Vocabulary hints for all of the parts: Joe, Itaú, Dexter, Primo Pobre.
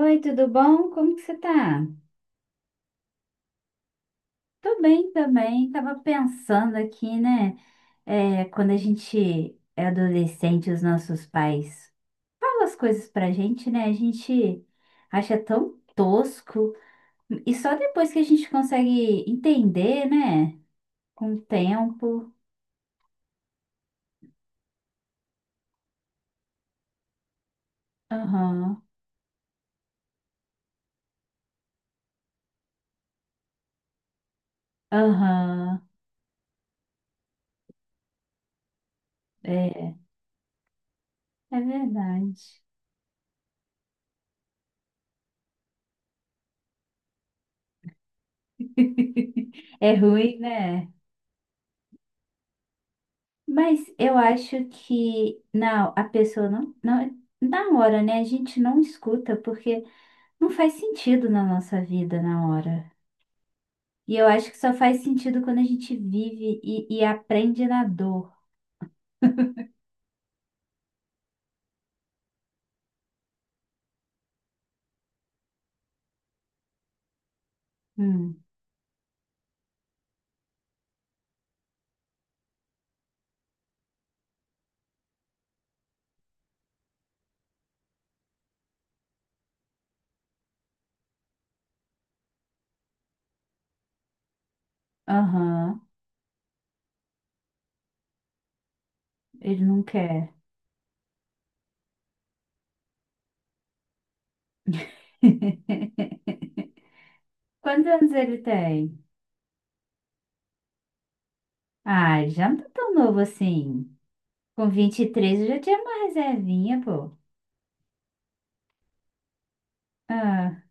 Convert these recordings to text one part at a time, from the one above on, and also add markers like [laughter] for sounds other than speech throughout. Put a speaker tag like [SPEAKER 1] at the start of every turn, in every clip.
[SPEAKER 1] Oi, tudo bom? Como que você tá? Tô bem também. Tava pensando aqui, né? É, quando a gente é adolescente, os nossos pais falam as coisas pra gente, né? A gente acha tão tosco. E só depois que a gente consegue entender, né? Com o tempo. Aham, aham. É, é verdade. [laughs] É ruim, né? Mas eu acho que não, a pessoa não, na hora, né? A gente não escuta porque não faz sentido na nossa vida na hora. E eu acho que só faz sentido quando a gente vive e aprende na dor. Hum, aham, ele não quer. [laughs] Quantos anos ele tem? Ah, já não tá tão novo assim. Com 23 eu já tinha uma reservinha, pô. Ah.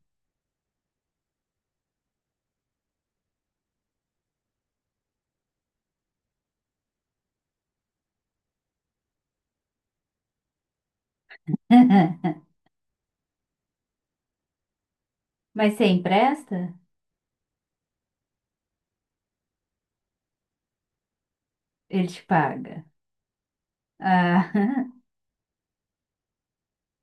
[SPEAKER 1] [laughs] Mas você empresta? Ele te paga. Ah.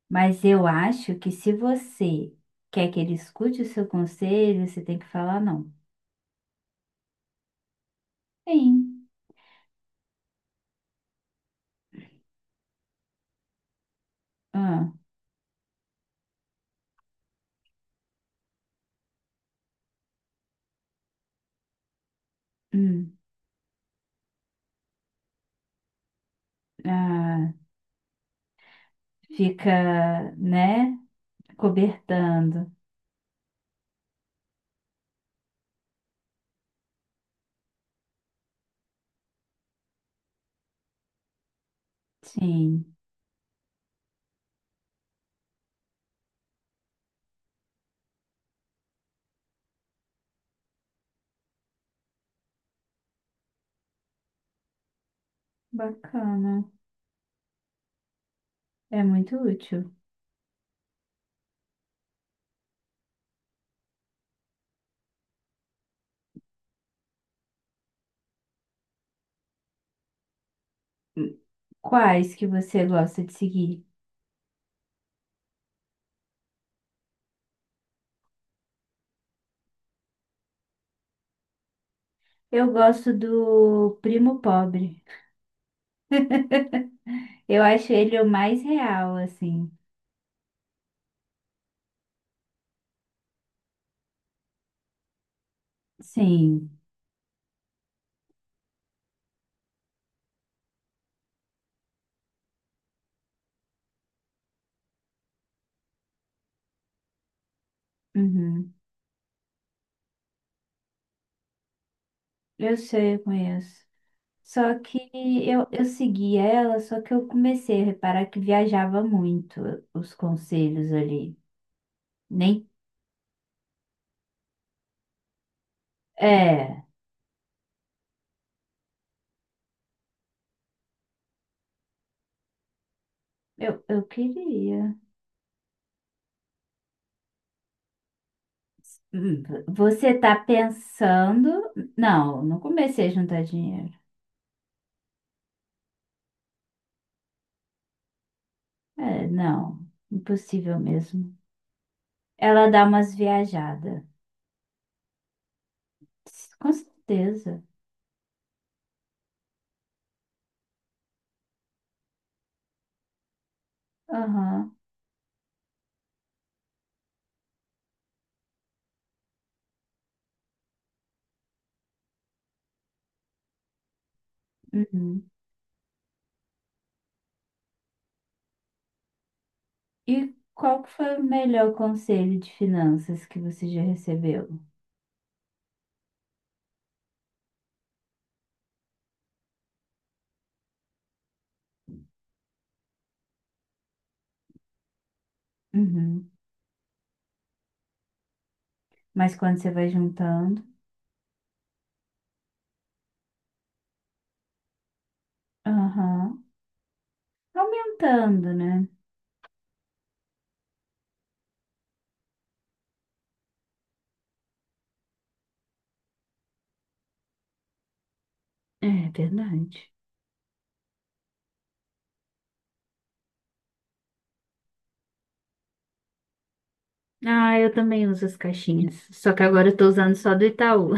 [SPEAKER 1] Mas eu acho que se você quer que ele escute o seu conselho, você tem que falar não. Sim. Ah, hum, ah, fica, né? Cobertando. Sim. Bacana. É muito útil. Quais que você gosta de seguir? Eu gosto do Primo Pobre. [laughs] Eu acho ele o mais real, assim. Sim. Uhum. Eu sei, eu conheço. Só que eu segui ela, só que eu comecei a reparar que viajava muito os conselhos ali. Nem. É, eu queria. Hum, Você tá pensando. Não, não comecei a juntar dinheiro. É, não, impossível mesmo. Ela dá umas viajadas. Com certeza. Aham. Uhum. E qual que foi o melhor conselho de finanças que você já recebeu? Uhum. Mas quando você vai juntando. Aham. Aumentando, né? É verdade. Ah, eu também uso as caixinhas. Só que agora eu tô usando só do Itaú.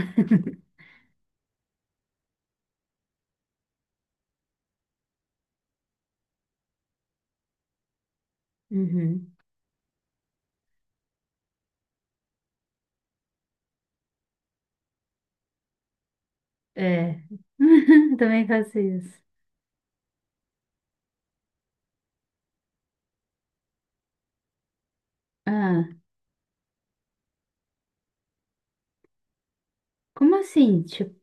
[SPEAKER 1] Uhum. É. [laughs] Também faço isso. Ah, como assim? Tipo,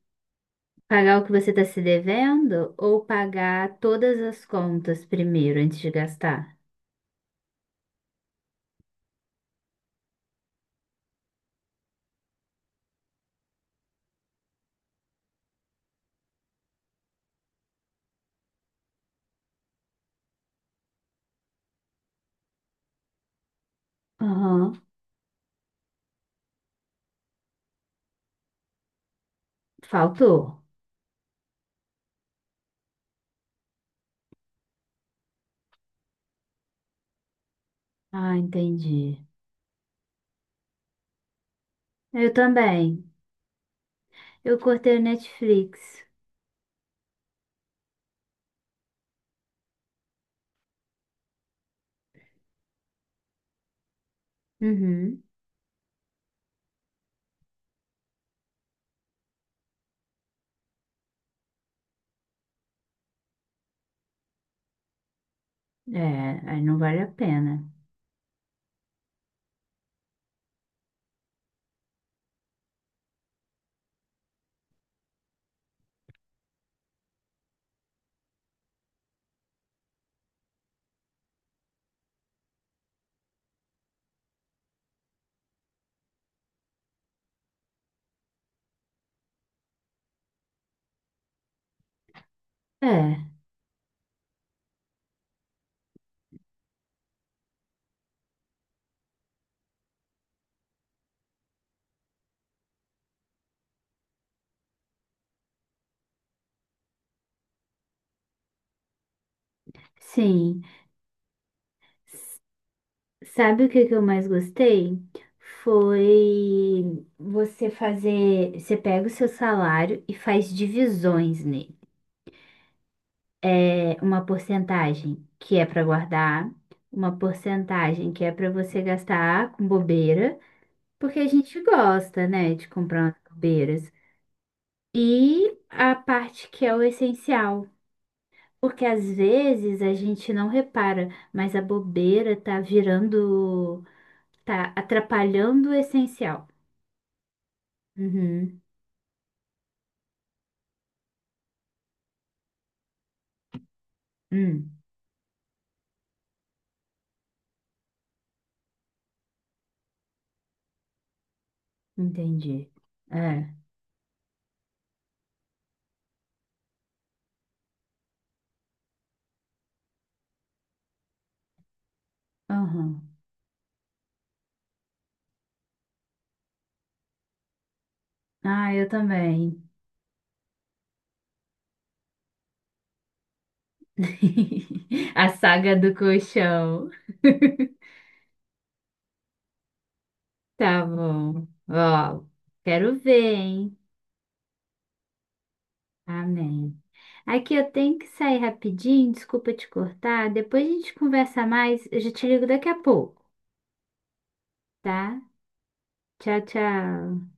[SPEAKER 1] pagar o que você tá se devendo ou pagar todas as contas primeiro antes de gastar? Aham. Faltou. Ah, entendi. Eu também. Eu cortei o Netflix. Uhum. É, aí não vale a pena. É, sim. S- Sabe o que que eu mais gostei? Foi você fazer. Você pega o seu salário e faz divisões nele. É uma porcentagem que é para guardar, uma porcentagem que é para você gastar com bobeira, porque a gente gosta, né, de comprar umas bobeiras. E a parte que é o essencial. Porque às vezes a gente não repara, mas a bobeira tá virando, tá atrapalhando o essencial. Uhum. Hum, entendi. É. Aham. Ah, eu também. [laughs] A saga do colchão. [laughs] Tá bom. Ó, quero ver, hein? Amém. Aqui eu tenho que sair rapidinho, desculpa te cortar. Depois a gente conversa mais. Eu já te ligo daqui a pouco. Tá? Tchau, tchau.